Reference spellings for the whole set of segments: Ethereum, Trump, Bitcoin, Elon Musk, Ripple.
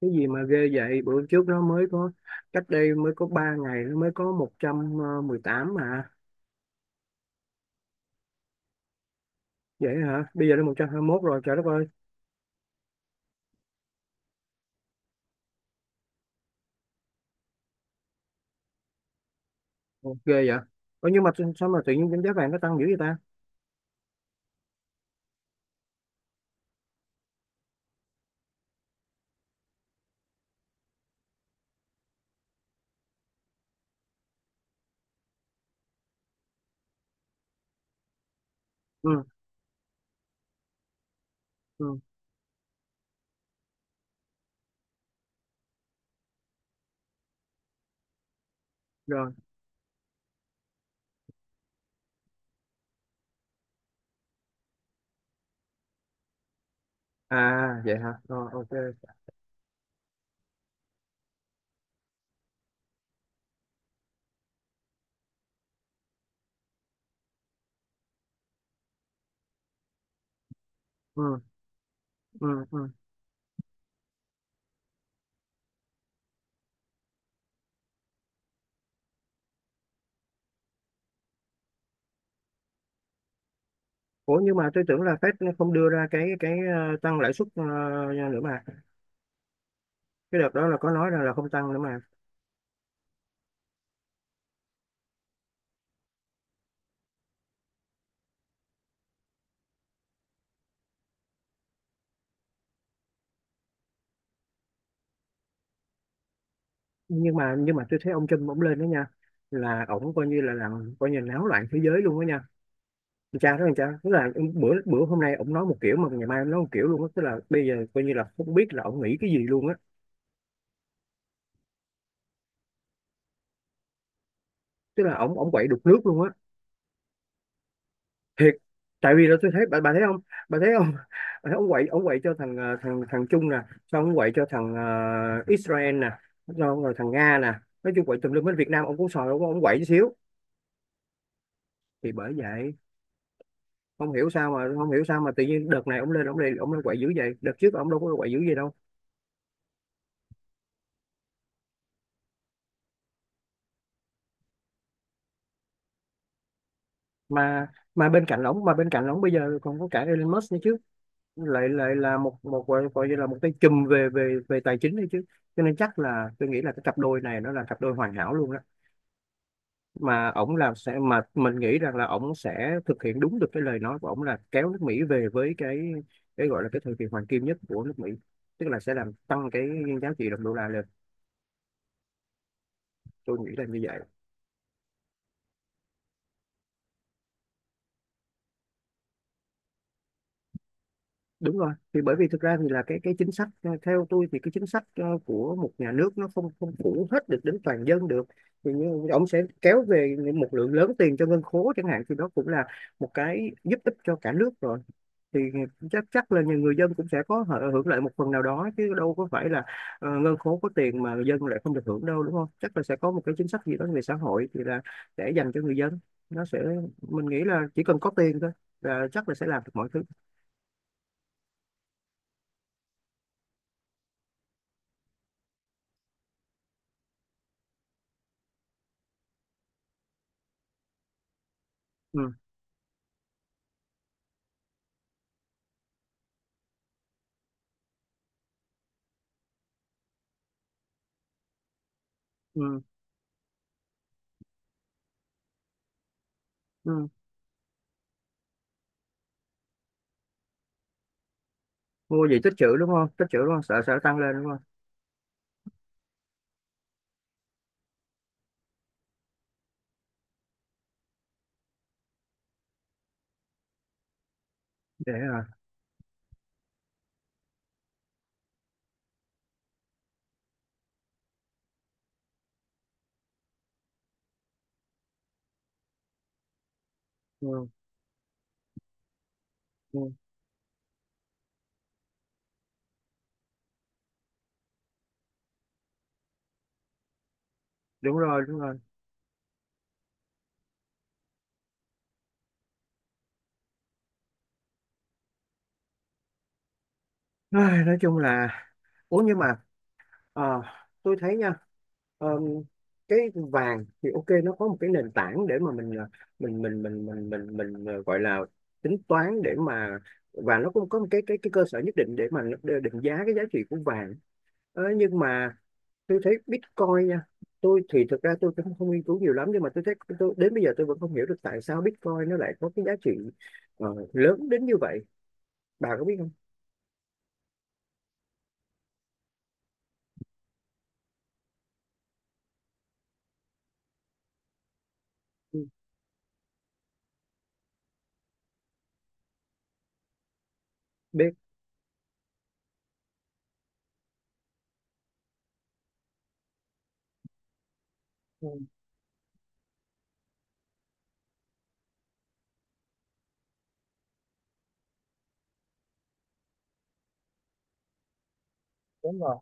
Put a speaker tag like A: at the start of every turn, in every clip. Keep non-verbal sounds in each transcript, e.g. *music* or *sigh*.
A: Cái gì mà ghê vậy? Bữa trước nó mới có, cách đây mới có 3 ngày nó mới có 100 18 mà. Vậy hả? Bây giờ nó 121 rồi, trời đất ơi. Ồ, ghê vậy. Ủa, nhưng mà sao sao mà tự nhiên cái giá vàng nó tăng dữ vậy ta? Ừ. Ừ. Rồi. À, vậy hả? Rồi, ok. Ừ. Ừ. Ừ. Ủa nhưng mà tôi tưởng là Fed nó không đưa ra cái tăng lãi suất nữa mà. Cái đợt đó là có nói rằng là không tăng nữa mà. Nhưng mà tôi thấy ông Trump ổng lên đó nha, là ổng coi như là làm, coi như náo loạn thế giới luôn đó nha. Con trai đó, con trai, tức là bữa bữa hôm nay ổng nói một kiểu mà ngày mai ổng nói một kiểu luôn á, tức là bây giờ coi như là không biết là ổng nghĩ cái gì luôn á. Tức là ổng ổng quậy đục nước luôn á, thiệt. Tại vì là tôi thấy bà thấy không, bà thấy không? *laughs* Bà thấy ổng quậy, ổng quậy cho thằng thằng thằng Trung nè, xong ổng quậy cho thằng Israel nè, xong rồi thằng Nga nè. Nói chung quậy tùm lum, bên Việt Nam ổng cũng sòi, ổng ổng quậy xíu. Thì bởi vậy. Không hiểu sao mà tự nhiên đợt này ổng lên quậy dữ vậy, đợt trước ổng đâu có quậy dữ vậy đâu. Mà mà bên cạnh ổng bây giờ còn có cả Elon Musk nữa chứ, lại lại là một một gọi gọi như là một cái chùm về về về tài chính đấy chứ. Cho nên chắc là tôi nghĩ là cái cặp đôi này nó là cặp đôi hoàn hảo luôn đó. Mà ổng làm sẽ, mà mình nghĩ rằng là ổng sẽ thực hiện đúng được cái lời nói của ổng là kéo nước Mỹ về với cái gọi là cái thời kỳ hoàng kim nhất của nước Mỹ, tức là sẽ làm tăng cái giá trị đồng đô la lên. Tôi nghĩ là như vậy. Đúng rồi, thì bởi vì thực ra thì là cái chính sách theo tôi thì cái chính sách của một nhà nước nó không không phủ hết được đến toàn dân được. Thì như ông sẽ kéo về một lượng lớn tiền cho ngân khố chẳng hạn, thì đó cũng là một cái giúp ích cho cả nước rồi. Thì chắc chắc là nhà người dân cũng sẽ có hưởng lợi một phần nào đó chứ, đâu có phải là ngân khố có tiền mà người dân lại không được hưởng đâu, đúng không? Chắc là sẽ có một cái chính sách gì đó về xã hội thì là để dành cho người dân. Nó sẽ, mình nghĩ là chỉ cần có tiền thôi là chắc là sẽ làm được mọi thứ. Ừ. Ừ. Ừ. Mua gì tích trữ đúng không? Tích trữ đúng không, sợ sợ tăng lên đúng không? Để à. Ừ. Ừ. Đúng rồi, đúng rồi. Ai, nói chung là, ủa nhưng mà, ờ, tôi thấy nha, ờ, cái vàng thì ok, nó có một cái nền tảng để mà mình mình, gọi là tính toán để mà, và nó cũng có một cái cơ sở nhất định để mà nó định giá cái giá trị của vàng. Ờ, nhưng mà tôi thấy Bitcoin nha. Tôi thì thực ra tôi cũng không nghiên cứu nhiều lắm, nhưng mà tôi thấy, tôi đến bây giờ tôi vẫn không hiểu được tại sao Bitcoin nó lại có cái giá trị ờ, lớn đến như vậy. Bà có biết không? Ừ, biết. Ừ, đúng rồi.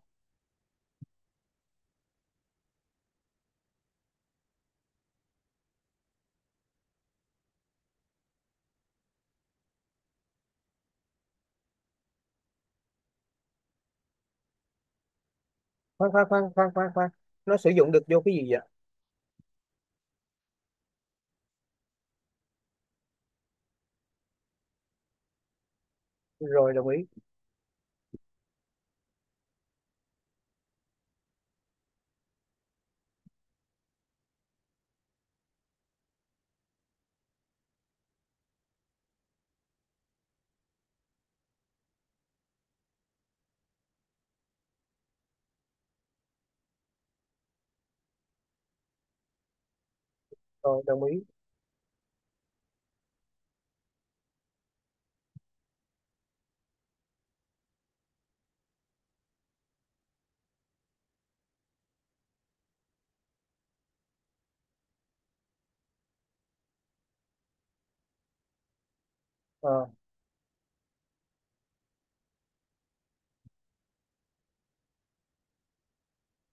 A: Khoan khoan khoan khoan khoan khoan, nó sử dụng được vô cái gì vậy? Rồi, đồng ý. Rồi, đồng ý. Ờ.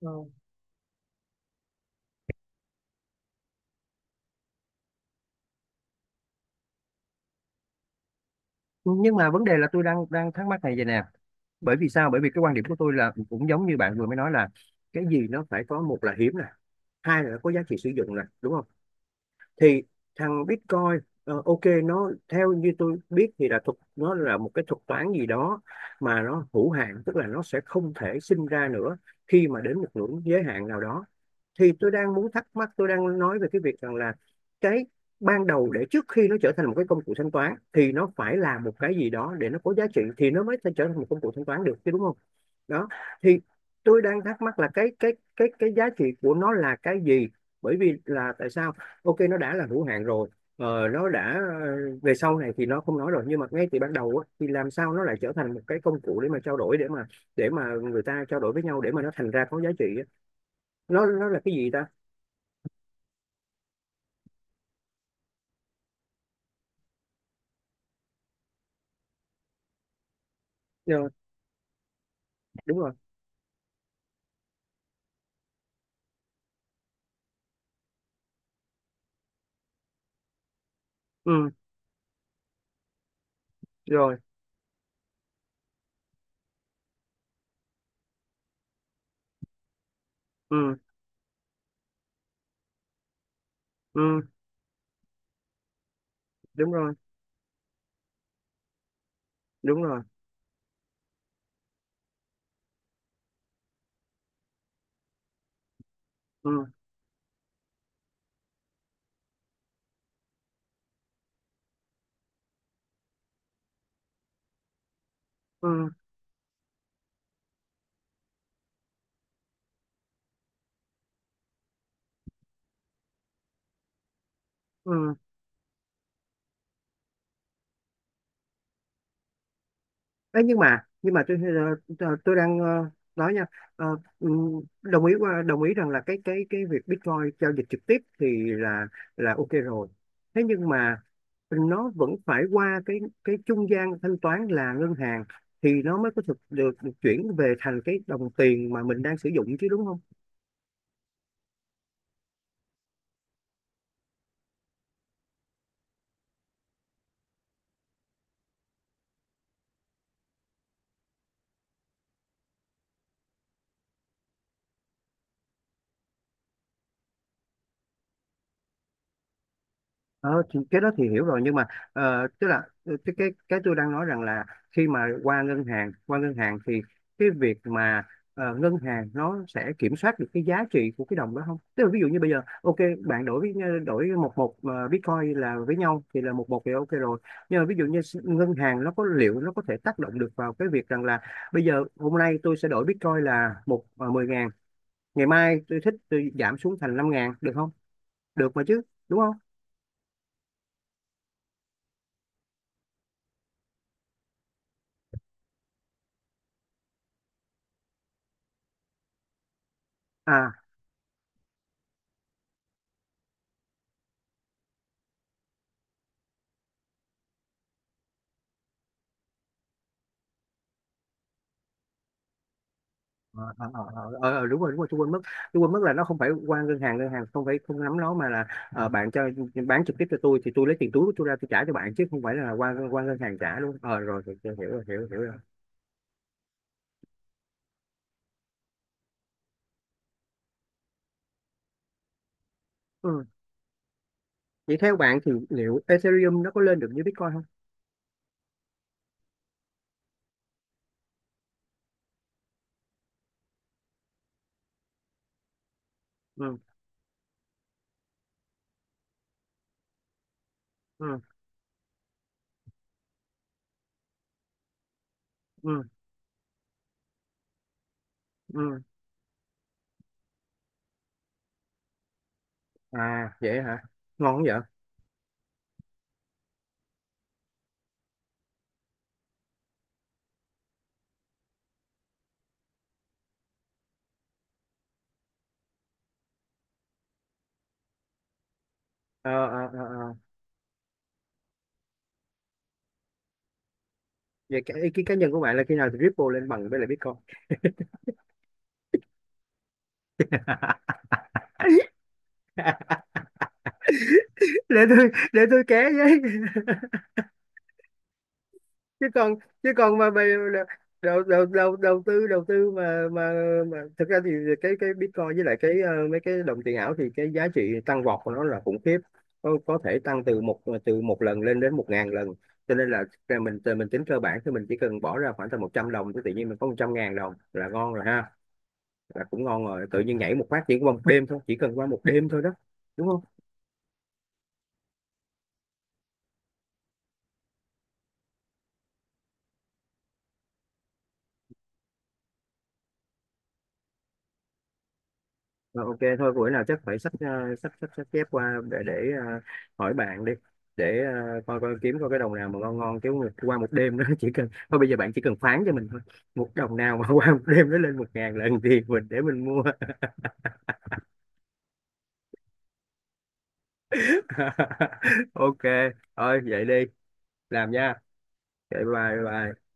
A: Ờ, nhưng mà vấn đề là tôi đang đang thắc mắc này vậy nè. Bởi vì sao? Bởi vì cái quan điểm của tôi là cũng giống như bạn vừa mới nói là, cái gì nó phải có, một là hiếm nè, hai là nó có giá trị sử dụng nè, đúng không? Thì thằng Bitcoin ok, nó theo như tôi biết thì là nó là một cái thuật toán gì đó mà nó hữu hạn, tức là nó sẽ không thể sinh ra nữa khi mà đến một ngưỡng giới hạn nào đó. Thì tôi đang muốn thắc mắc, tôi đang nói về cái việc rằng là cái ban đầu để, trước khi nó trở thành một cái công cụ thanh toán thì nó phải là một cái gì đó để nó có giá trị thì nó mới thể trở thành một công cụ thanh toán được chứ đúng không? Đó. Thì tôi đang thắc mắc là cái giá trị của nó là cái gì, bởi vì là tại sao ok nó đã là hữu hạn rồi, nó đã về sau này thì nó không nói rồi, nhưng mà ngay từ ban đầu á, thì làm sao nó lại trở thành một cái công cụ để mà trao đổi, để mà người ta trao đổi với nhau để mà nó thành ra có giá trị á. Nó là cái gì ta? Rồi. Đúng rồi. Ừ. Rồi. Ừ. Ừ. Đúng rồi. Đúng rồi. Ừ. Ừ. Ừ. Ê, nhưng mà tôi đang nói nha. Ờ, ừ, đồng ý, qua đồng ý rằng là cái việc Bitcoin giao dịch trực tiếp thì là ok rồi. Thế nhưng mà nó vẫn phải qua cái trung gian thanh toán là ngân hàng thì nó mới có được chuyển về thành cái đồng tiền mà mình đang sử dụng chứ đúng không? Ờ, thì cái đó thì hiểu rồi, nhưng mà tức là cái tôi đang nói rằng là, khi mà qua ngân hàng thì cái việc mà ngân hàng nó sẽ kiểm soát được cái giá trị của cái đồng đó không? Tức là ví dụ như bây giờ ok, bạn đổi một một Bitcoin là với nhau thì là một một thì ok rồi. Nhưng mà ví dụ như ngân hàng nó liệu nó có thể tác động được vào cái việc rằng là bây giờ hôm nay tôi sẽ đổi Bitcoin là một 10.000, ngày mai tôi thích tôi giảm xuống thành 5.000 được không? Được mà chứ, đúng không? À ờ, đúng rồi, đúng rồi. Tôi quên mất là nó không phải qua ngân hàng, ngân hàng không phải, không nắm nó mà là, bạn cho, bán trực tiếp cho tôi thì tôi lấy tiền túi của tôi ra tôi trả cho bạn chứ không phải là qua qua ngân hàng trả luôn. Ờ, rồi rồi, tôi hiểu rồi, hiểu hiểu rồi. Ừ. Vậy theo bạn thì liệu Ethereum nó có lên được như Bitcoin không? Ừ. Ừ. Ừ. Ừ. À, vậy hả? Ngon không vậy? ờ ờ ờ ờ. Vậy cái ý kiến cá nhân của bạn là khi nào thì Ripple lên bằng với lại Bitcoin? *laughs* Để tôi ké với. chứ còn chứ còn mà mày đầu đầu đầu đầu tư mà thực ra thì cái Bitcoin với lại cái mấy cái đồng tiền ảo thì cái giá trị tăng vọt của nó là khủng khiếp, có thể tăng từ một lần lên đến 1.000 lần. Cho nên là ra mình tính cơ bản thì mình chỉ cần bỏ ra khoảng tầm 100 đồng thì tự nhiên mình có 100.000 đồng là ngon rồi ha. Là cũng ngon rồi, tự nhiên nhảy một phát chỉ qua một đêm thôi, chỉ cần qua một đêm thôi đó, đúng không? Ờ, ok thôi, buổi nào chắc phải sách chép qua để ờ, hỏi bạn đi, để coi coi kiếm coi cái đồng nào mà ngon ngon, chứ mà qua một đêm đó *laughs* chỉ cần thôi, bây giờ bạn chỉ cần phán cho mình thôi, một đồng nào mà *laughs* qua một đêm nó lên 1.000 lần thì mình để mình mua. *laughs* Ok, thôi vậy đi, làm nha. Okay, bye. Bye bye.